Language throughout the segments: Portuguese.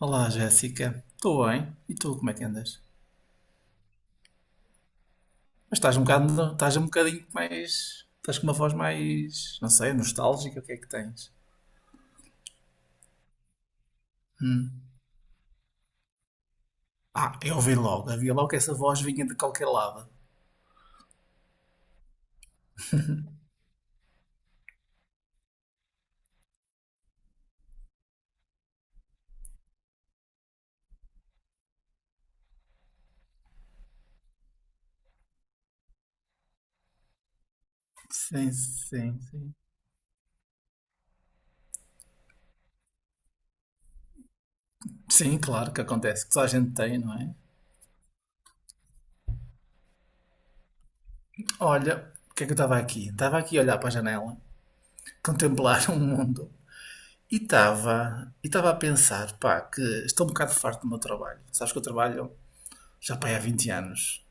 Olá, Jéssica. Estou bem. E tu, como é que andas? Mas estás um bocadinho mais. Estás com uma voz mais, não sei, nostálgica, o que é que tens? Ah, eu ouvi logo, havia logo que essa voz vinha de qualquer lado. Sim, sim, sim. Sim, claro que acontece, que só a gente tem, não é? Olha, o que é que eu estava aqui? Estava aqui a olhar para a janela, contemplar o mundo. E estava a pensar, pá, que estou um bocado farto do meu trabalho. Sabes que eu trabalho já pá, há 20 anos.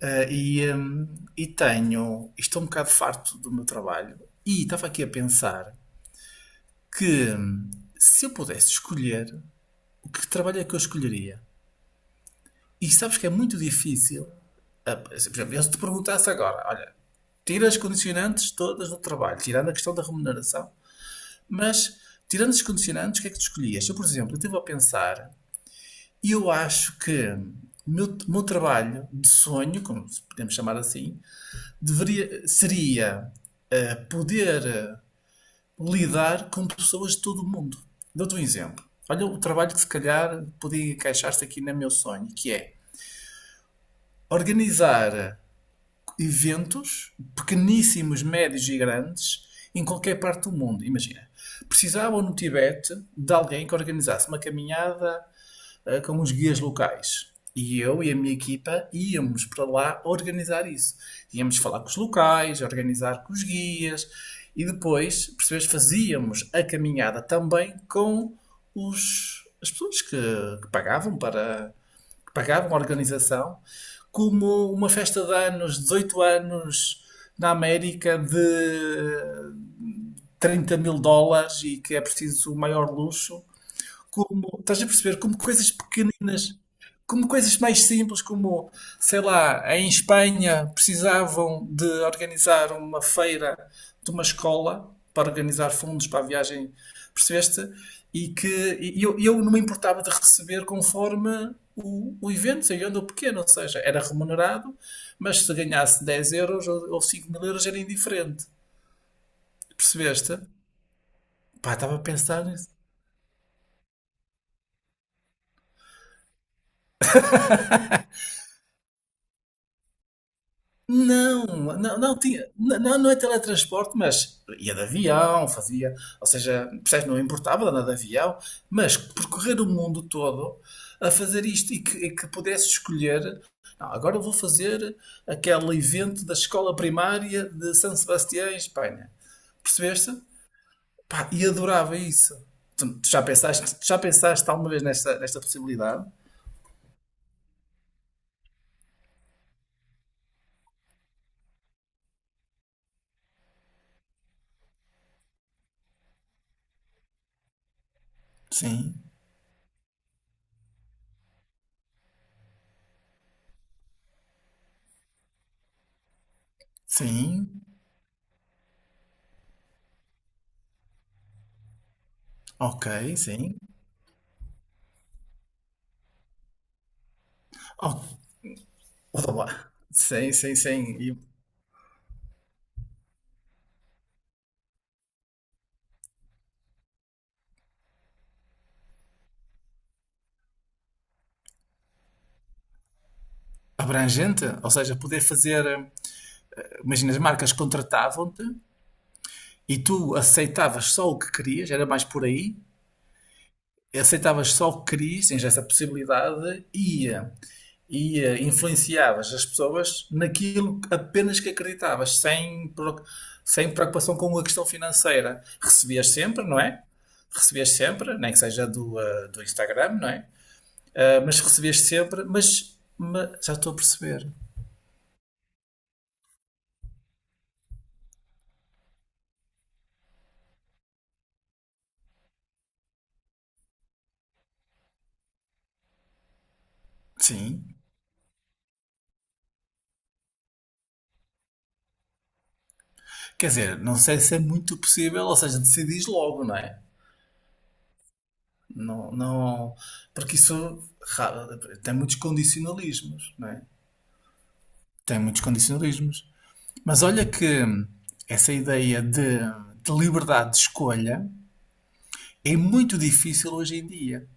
Ah, e tenho. Estou um bocado farto do meu trabalho e estava aqui a pensar que se eu pudesse escolher o que trabalho é que eu escolheria. E sabes que é muito difícil. Por exemplo, eu se te perguntasse agora, olha, tira as condicionantes todas do trabalho, tirando a questão da remuneração, mas tirando as condicionantes, o que é que tu escolhias? Eu, por exemplo, eu estive a pensar e eu acho que o meu trabalho de sonho, como podemos chamar assim, deveria, seria poder lidar com pessoas de todo o mundo. Dou-te um exemplo. Olha o trabalho que se calhar podia encaixar-se aqui no meu sonho, que é organizar eventos pequeníssimos, médios e grandes em qualquer parte do mundo. Imagina, precisavam no Tibete de alguém que organizasse uma caminhada com os guias locais. E eu e a minha equipa íamos para lá organizar isso. Íamos falar com os locais, organizar com os guias e depois, percebes, fazíamos a caminhada também com as pessoas que pagavam para que pagavam a organização, como uma festa de anos, 18 anos na América de 30 mil dólares e que é preciso o maior luxo como, estás a perceber, como coisas pequeninas, como coisas mais simples, como, sei lá, em Espanha precisavam de organizar uma feira de uma escola para organizar fundos para a viagem, percebeste? E eu não me importava de receber conforme o evento, seja onde ou pequeno, ou seja, era remunerado, mas se ganhasse 10 euros ou 5 mil euros era indiferente, percebeste? Pá, estava a pensar nisso. Não, não, não, tinha, não, não é teletransporte, mas ia de avião, fazia, ou seja, percebes, não importava de andar de avião, mas percorrer o mundo todo a fazer isto e que pudesse escolher, não, agora eu vou fazer aquele evento da escola primária de San Sebastián, em Espanha. Percebeste? Pá, e adorava isso. Tu já pensaste alguma vez nesta possibilidade? Sim, sim, ok, sim. Olá. Sim, sim, sim. E abrangente, ou seja, poder fazer. Imagina, as marcas contratavam-te e tu aceitavas só o que querias, era mais por aí. Aceitavas só o que querias, tens essa possibilidade e influenciavas as pessoas naquilo apenas que acreditavas, sem preocupação com a questão financeira. Recebias sempre, não é? Recebias sempre, nem que seja do, do Instagram, não é? Mas recebias sempre, mas já estou a perceber. Sim. Quer dizer, não sei se é muito possível, ou seja, decidis logo, não é? Não, não, porque isso ra- tem muitos condicionalismos, não é? Tem muitos condicionalismos. Mas olha que essa ideia de liberdade de escolha é muito difícil hoje em dia.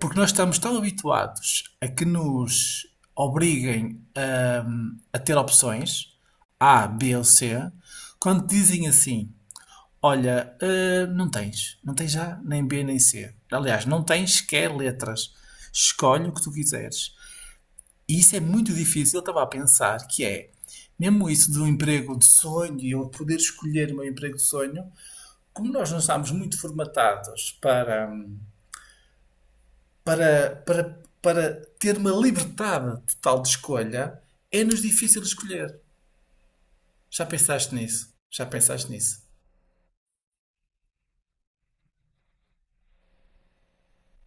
Porque nós estamos tão habituados a que nos obriguem a ter opções A, B ou C, quando dizem assim, olha, não tens. Não tens A, nem B, nem C. Aliás, não tens sequer letras. Escolhe o que tu quiseres. E isso é muito difícil. Eu estava a pensar que é, mesmo isso de um emprego de sonho e eu poder escolher o meu emprego de sonho, como nós não estamos muito formatados para ter uma liberdade total de escolha, é-nos difícil escolher. Já pensaste nisso? Já pensaste nisso?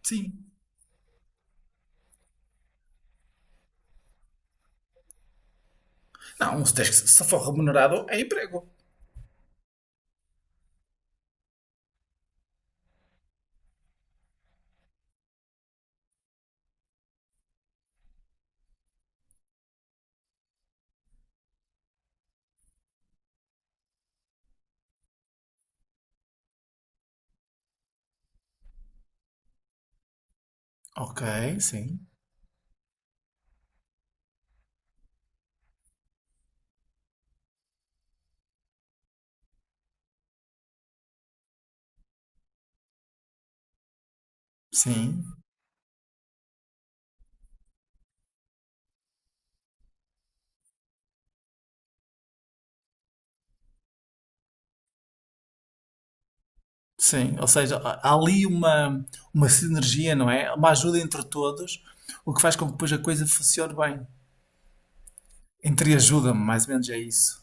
Sim. Não, se for remunerado, é emprego. Ok, sim, sim, sim. Ou seja, há ali uma sinergia, não é? Uma ajuda entre todos, o que faz com que depois a coisa funcione bem. Entre ajuda-me, mais ou menos é isso.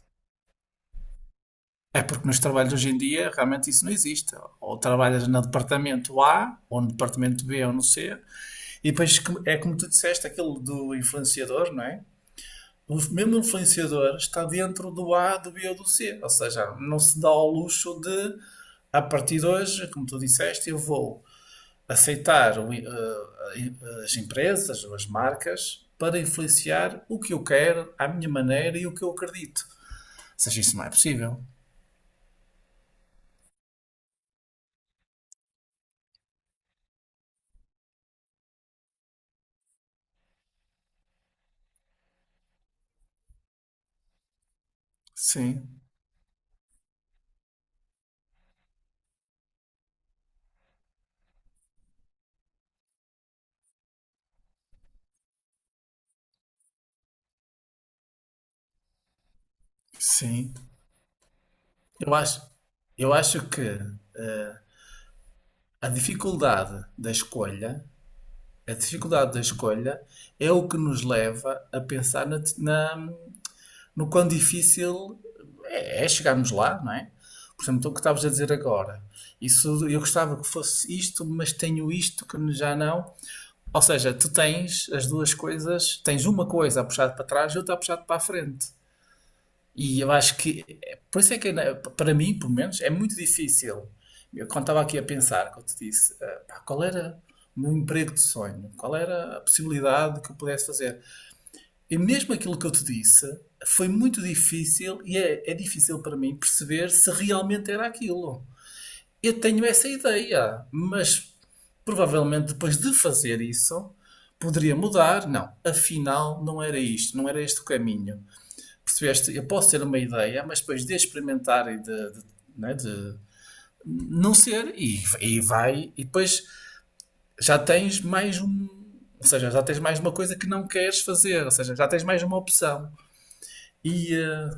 É porque nos trabalhos hoje em dia realmente isso não existe. Ou trabalhas no departamento A, ou no departamento B, ou no C, e depois é como tu disseste, aquilo do influenciador, não é? O mesmo influenciador está dentro do A, do B ou do C. Ou seja, não se dá ao luxo de, a partir de hoje, como tu disseste, eu vou aceitar as empresas ou as marcas para influenciar o que eu quero, à minha maneira e o que eu acredito. Ou seja, isso não é possível. Sim, sim. Eu acho, eu acho que eh, a dificuldade da escolha, a dificuldade da escolha é o que nos leva a pensar no quão difícil é, é chegarmos lá, não é? Por exemplo, então, o que estavas a dizer agora. Isso, eu gostava que fosse isto, mas tenho isto que já não. Ou seja, tu tens as duas coisas, tens uma coisa a puxar para trás e outra a puxar para a frente. E eu acho que, é, por isso é que para mim, pelo menos, é muito difícil. Eu quando estava aqui a pensar, quando te disse, ah, pá, qual era o meu emprego de sonho? Qual era a possibilidade que eu pudesse fazer? E mesmo aquilo que eu te disse foi muito difícil e é, é difícil para mim perceber se realmente era aquilo. Eu tenho essa ideia, mas provavelmente depois de fazer isso poderia mudar. Não, afinal não era isto, não era este o caminho. Percebeste? Eu posso ter uma ideia, mas depois de experimentar e de não ser, e depois já tens mais um. Ou seja, já tens mais uma coisa que não queres fazer, ou seja, já tens mais uma opção. E, eh,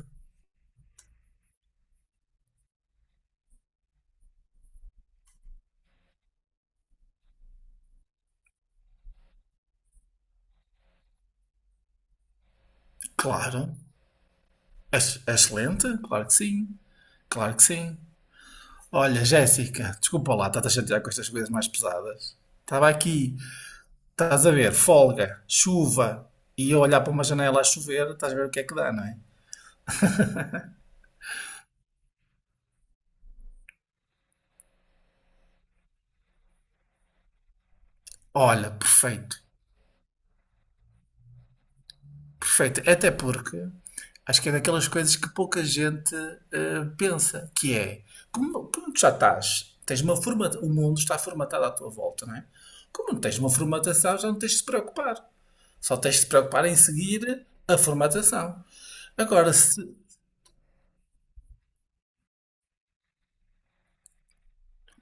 claro, excelente, claro que sim, claro que sim. Olha, Jéssica, desculpa lá, estás a chatear com estas coisas mais pesadas. Estava aqui, estás a ver, folga, chuva, e eu olhar para uma janela a chover, estás a ver o que é que dá, não é? Olha, perfeito, perfeito. Até porque acho que é daquelas coisas que pouca gente pensa, que é, como tu já estás, tens uma forma, o mundo está formatado à tua volta, não é? Como não tens uma formatação, já não tens de se preocupar. Só tens de te preocupar em seguir a formatação. Agora, se.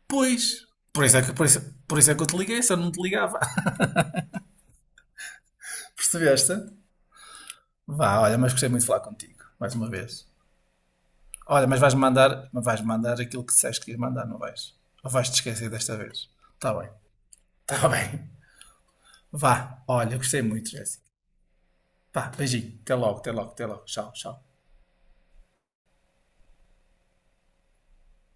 Pois. Por isso é que, por isso, por isso é que eu te liguei, se eu não te ligava. Percebeste? Vá, olha, mas gostei muito de falar contigo. Mais uma vez. Olha, mas vais mandar aquilo que disseste que ias mandar, não vais? Ou vais-te esquecer desta vez? Tá bem. Tá bem. Vá, olha, gostei muito, Jéssica. Vá, beijinho. Até logo, até logo, até logo. Tchau, tchau.